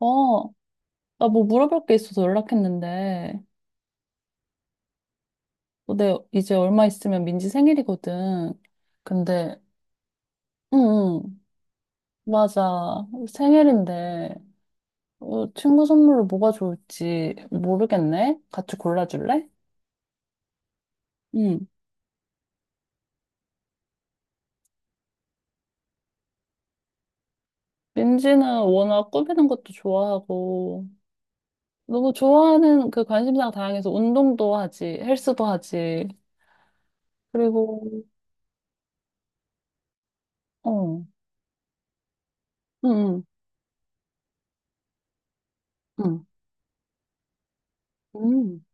어, 나 뭐 물어볼 게 있어서 연락했는데, 어, 내 이제 얼마 있으면 민지 생일이거든. 근데, 응, 응, 맞아. 생일인데, 어, 친구 선물로 뭐가 좋을지 모르겠네? 같이 골라줄래? 응. 민지는 워낙 꾸미는 것도 좋아하고, 너무 좋아하는 그 관심사가 다양해서 운동도 하지, 헬스도 하지, 그리고, 어, 응, 응, 응. 음.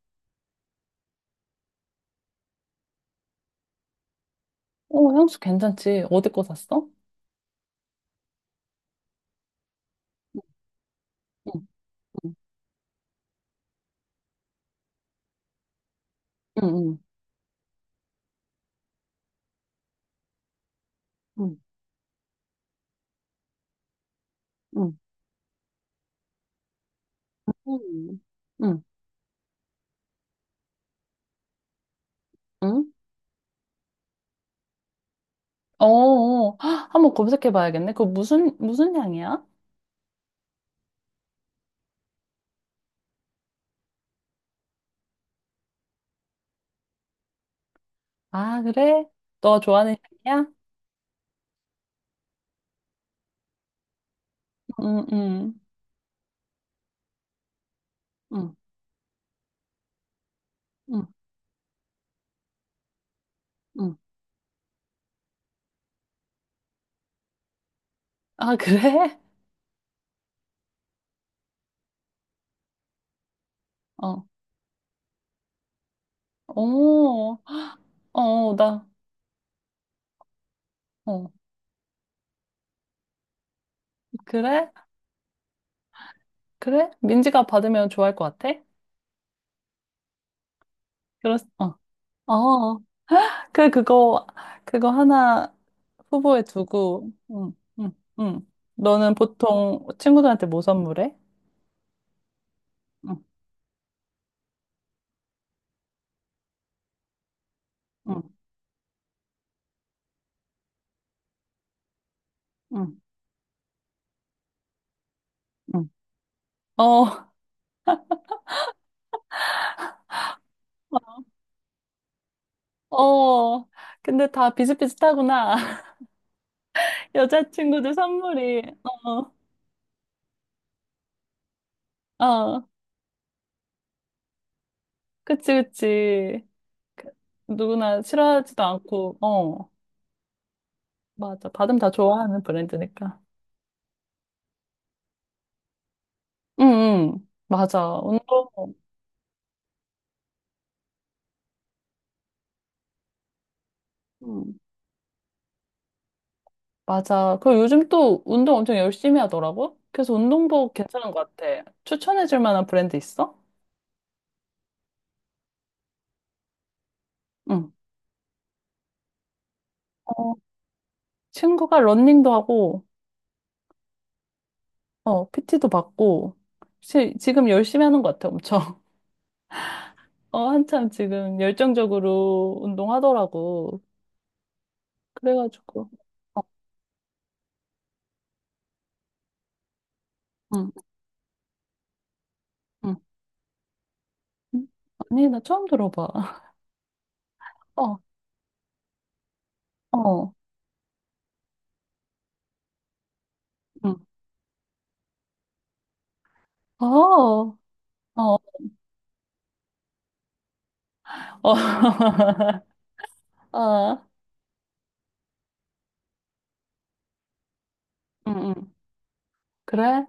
어, 향수 괜찮지? 어디 거 샀어? 응. 응, 응, 응, 응 응, 응. 어, 어. 한번 검색해 봐야겠네. 그거 무슨 향이야? 아, 그래? 너 좋아하는 향이야? 응, 응, 응, 응, 응. 아, 그래? 어, 오, 어, 어, 나, 어, 그래? 그래? 민지가 받으면 좋아할 것 같아? 어, 어. 그, 그거, 그거 하나 후보에 두고, 응, 응, 응. 너는 보통 친구들한테 뭐 선물해? 응, 응, 응. 응. 어, 어. 근데 다 비슷비슷하구나. 여자친구들 선물이. 어, 어. 그치, 그치. 그, 누구나 싫어하지도 않고, 어. 맞아. 받으면 다 좋아하는 브랜드니까. 응, 응. 맞아. 운동, 응. 맞아. 그리고 요즘 또 운동 엄청 열심히 하더라고? 그래서 운동복 괜찮은 것 같아. 추천해줄 만한 브랜드 있어? 응. 어, 친구가 러닝도 하고, 어, PT도 받고, 지금 열심히 하는 것 같아, 엄청. 어, 한참 지금 열정적으로 운동하더라고. 그래가지고, 어, 응, 응, 응. 아니, 나 처음 들어봐. 어, 어, 응, 어, 어, 어, 아, 응, 응. 그래?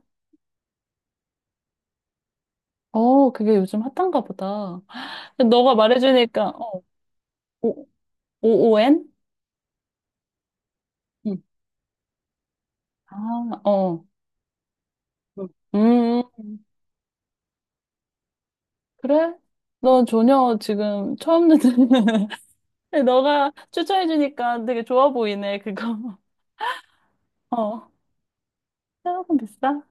어, 그게 요즘 핫한가 보다. 너가 말해주니까, 어, 오, OON? 응, 아, 어. 응. 음, 그래? 너 전혀 지금 처음 듣는 근데 너가 추천해주니까 되게 좋아 보이네, 그거. 어, 조금 비싸?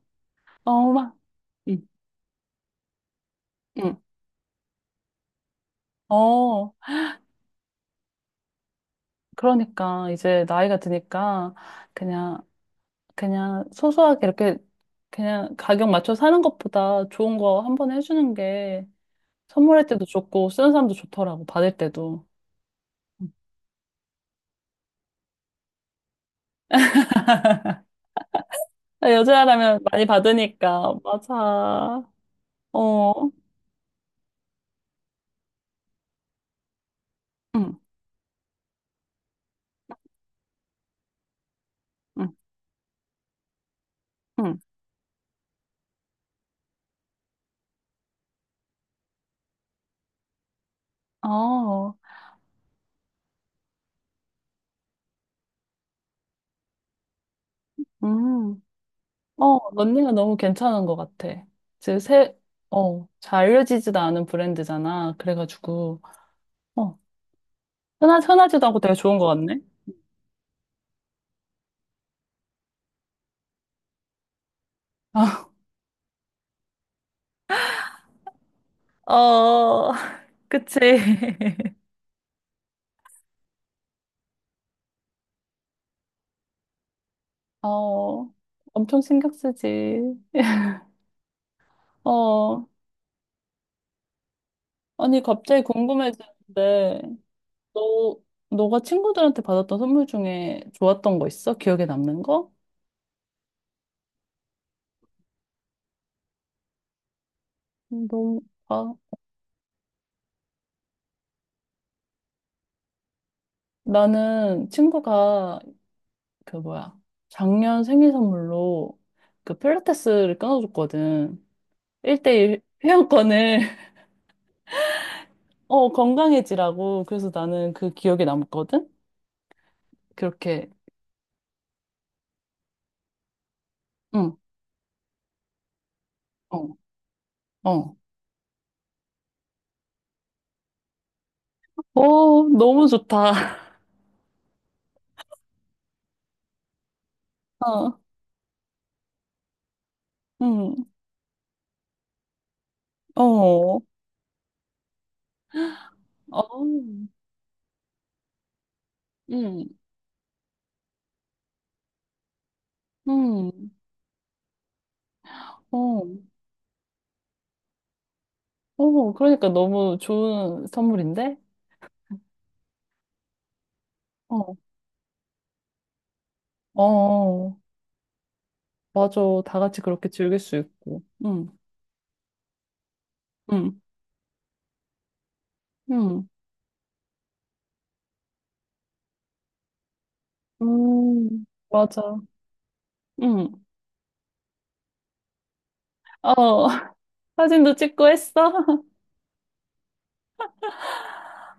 어, 막, 응, 응. 어, 그러니까 이제 나이가 드니까 그냥, 그냥 소소하게 이렇게 그냥 가격 맞춰 사는 것보다 좋은 거 한 번에 해주는 게 선물할 때도 좋고 쓰는 사람도 좋더라고, 받을 때도. 응. 여자라면 많이 받으니까, 맞아. 어, 응, 응, 응. 어, 음. 어, 런닝은 너무 괜찮은 것 같아. 지금 새, 어, 잘 알려지지도 않은 브랜드잖아. 그래가지고, 어, 흔하지도 않고 되게 좋은 것 같네. 어, 그치. 어, 엄청 신경 쓰지. 어, 아니, 갑자기 궁금해지는데, 너, 너가 친구들한테 받았던 선물 중에 좋았던 거 있어? 기억에 남는 거? 음, 너무, 아, 나는 친구가 그 뭐야 작년 생일 선물로 그 필라테스를 끊어줬거든. 1대1 회원권을 어 건강해지라고 그래서 나는 그 기억에 남거든. 그렇게 응, 어, 어, 어 너무 좋다. 어, 응, 어, 어, 응, 응, 어, 어 그러니까 너무 좋은 선물인데. 어, 어, 어. 맞아. 다 같이 그렇게 즐길 수 있고. 응, 응, 응. 맞아. 응. 어, 사진도 찍고 했어?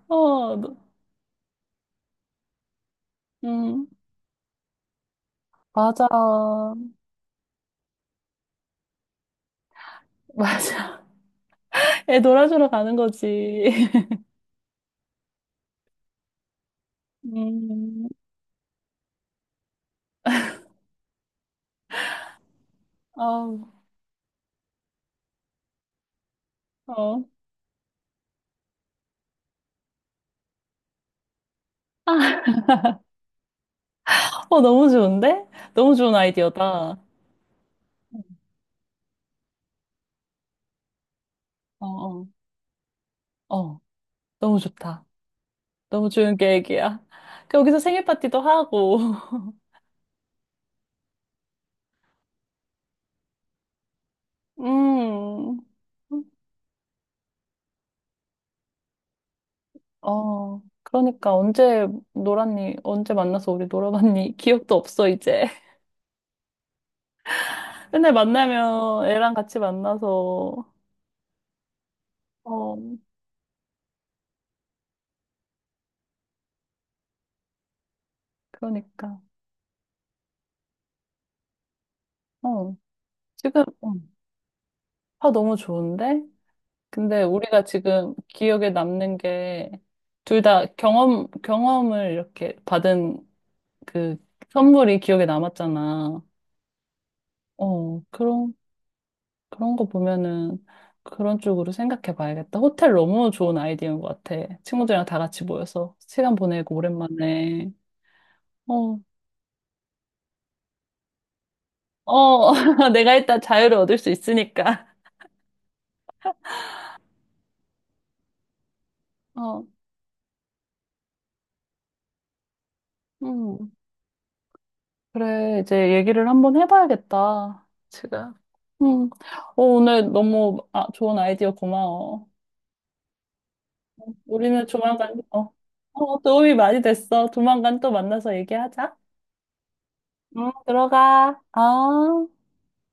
어, 너- 음, 맞아. 맞아. 애 놀아주러 가는 거지. 음, 아우, 어. 어, 너무 좋은데? 너무 좋은 아이디어다. 어, 어, 어. 너무 좋다. 너무 좋은 계획이야. 그 여기서 생일 파티도 하고. 음, 어. 그러니까 언제 놀았니? 언제 만나서 우리 놀아봤니? 기억도 없어, 이제. 맨날 만나면 애랑 같이 만나서, 어, 그러니까. 어, 지금, 어, 화 너무 좋은데? 근데 우리가 지금 기억에 남는 게, 둘 다 경험을 이렇게 받은 그 선물이 기억에 남았잖아. 어, 그런, 그런 거 보면은 그런 쪽으로 생각해 봐야겠다. 호텔 너무 좋은 아이디어인 것 같아. 친구들이랑 다 같이 모여서 시간 보내고 오랜만에. 어, 어, 내가 일단 자유를 얻을 수 있으니까. 어, 음. 그래, 이제 얘기를 한번 해봐야겠다. 제가. 음. 어, 오늘 너무 아, 좋은 아이디어 고마워. 우리는 조만간, 어, 어, 도움이 많이 됐어. 조만간 또 만나서 얘기하자. 응, 들어가. 어.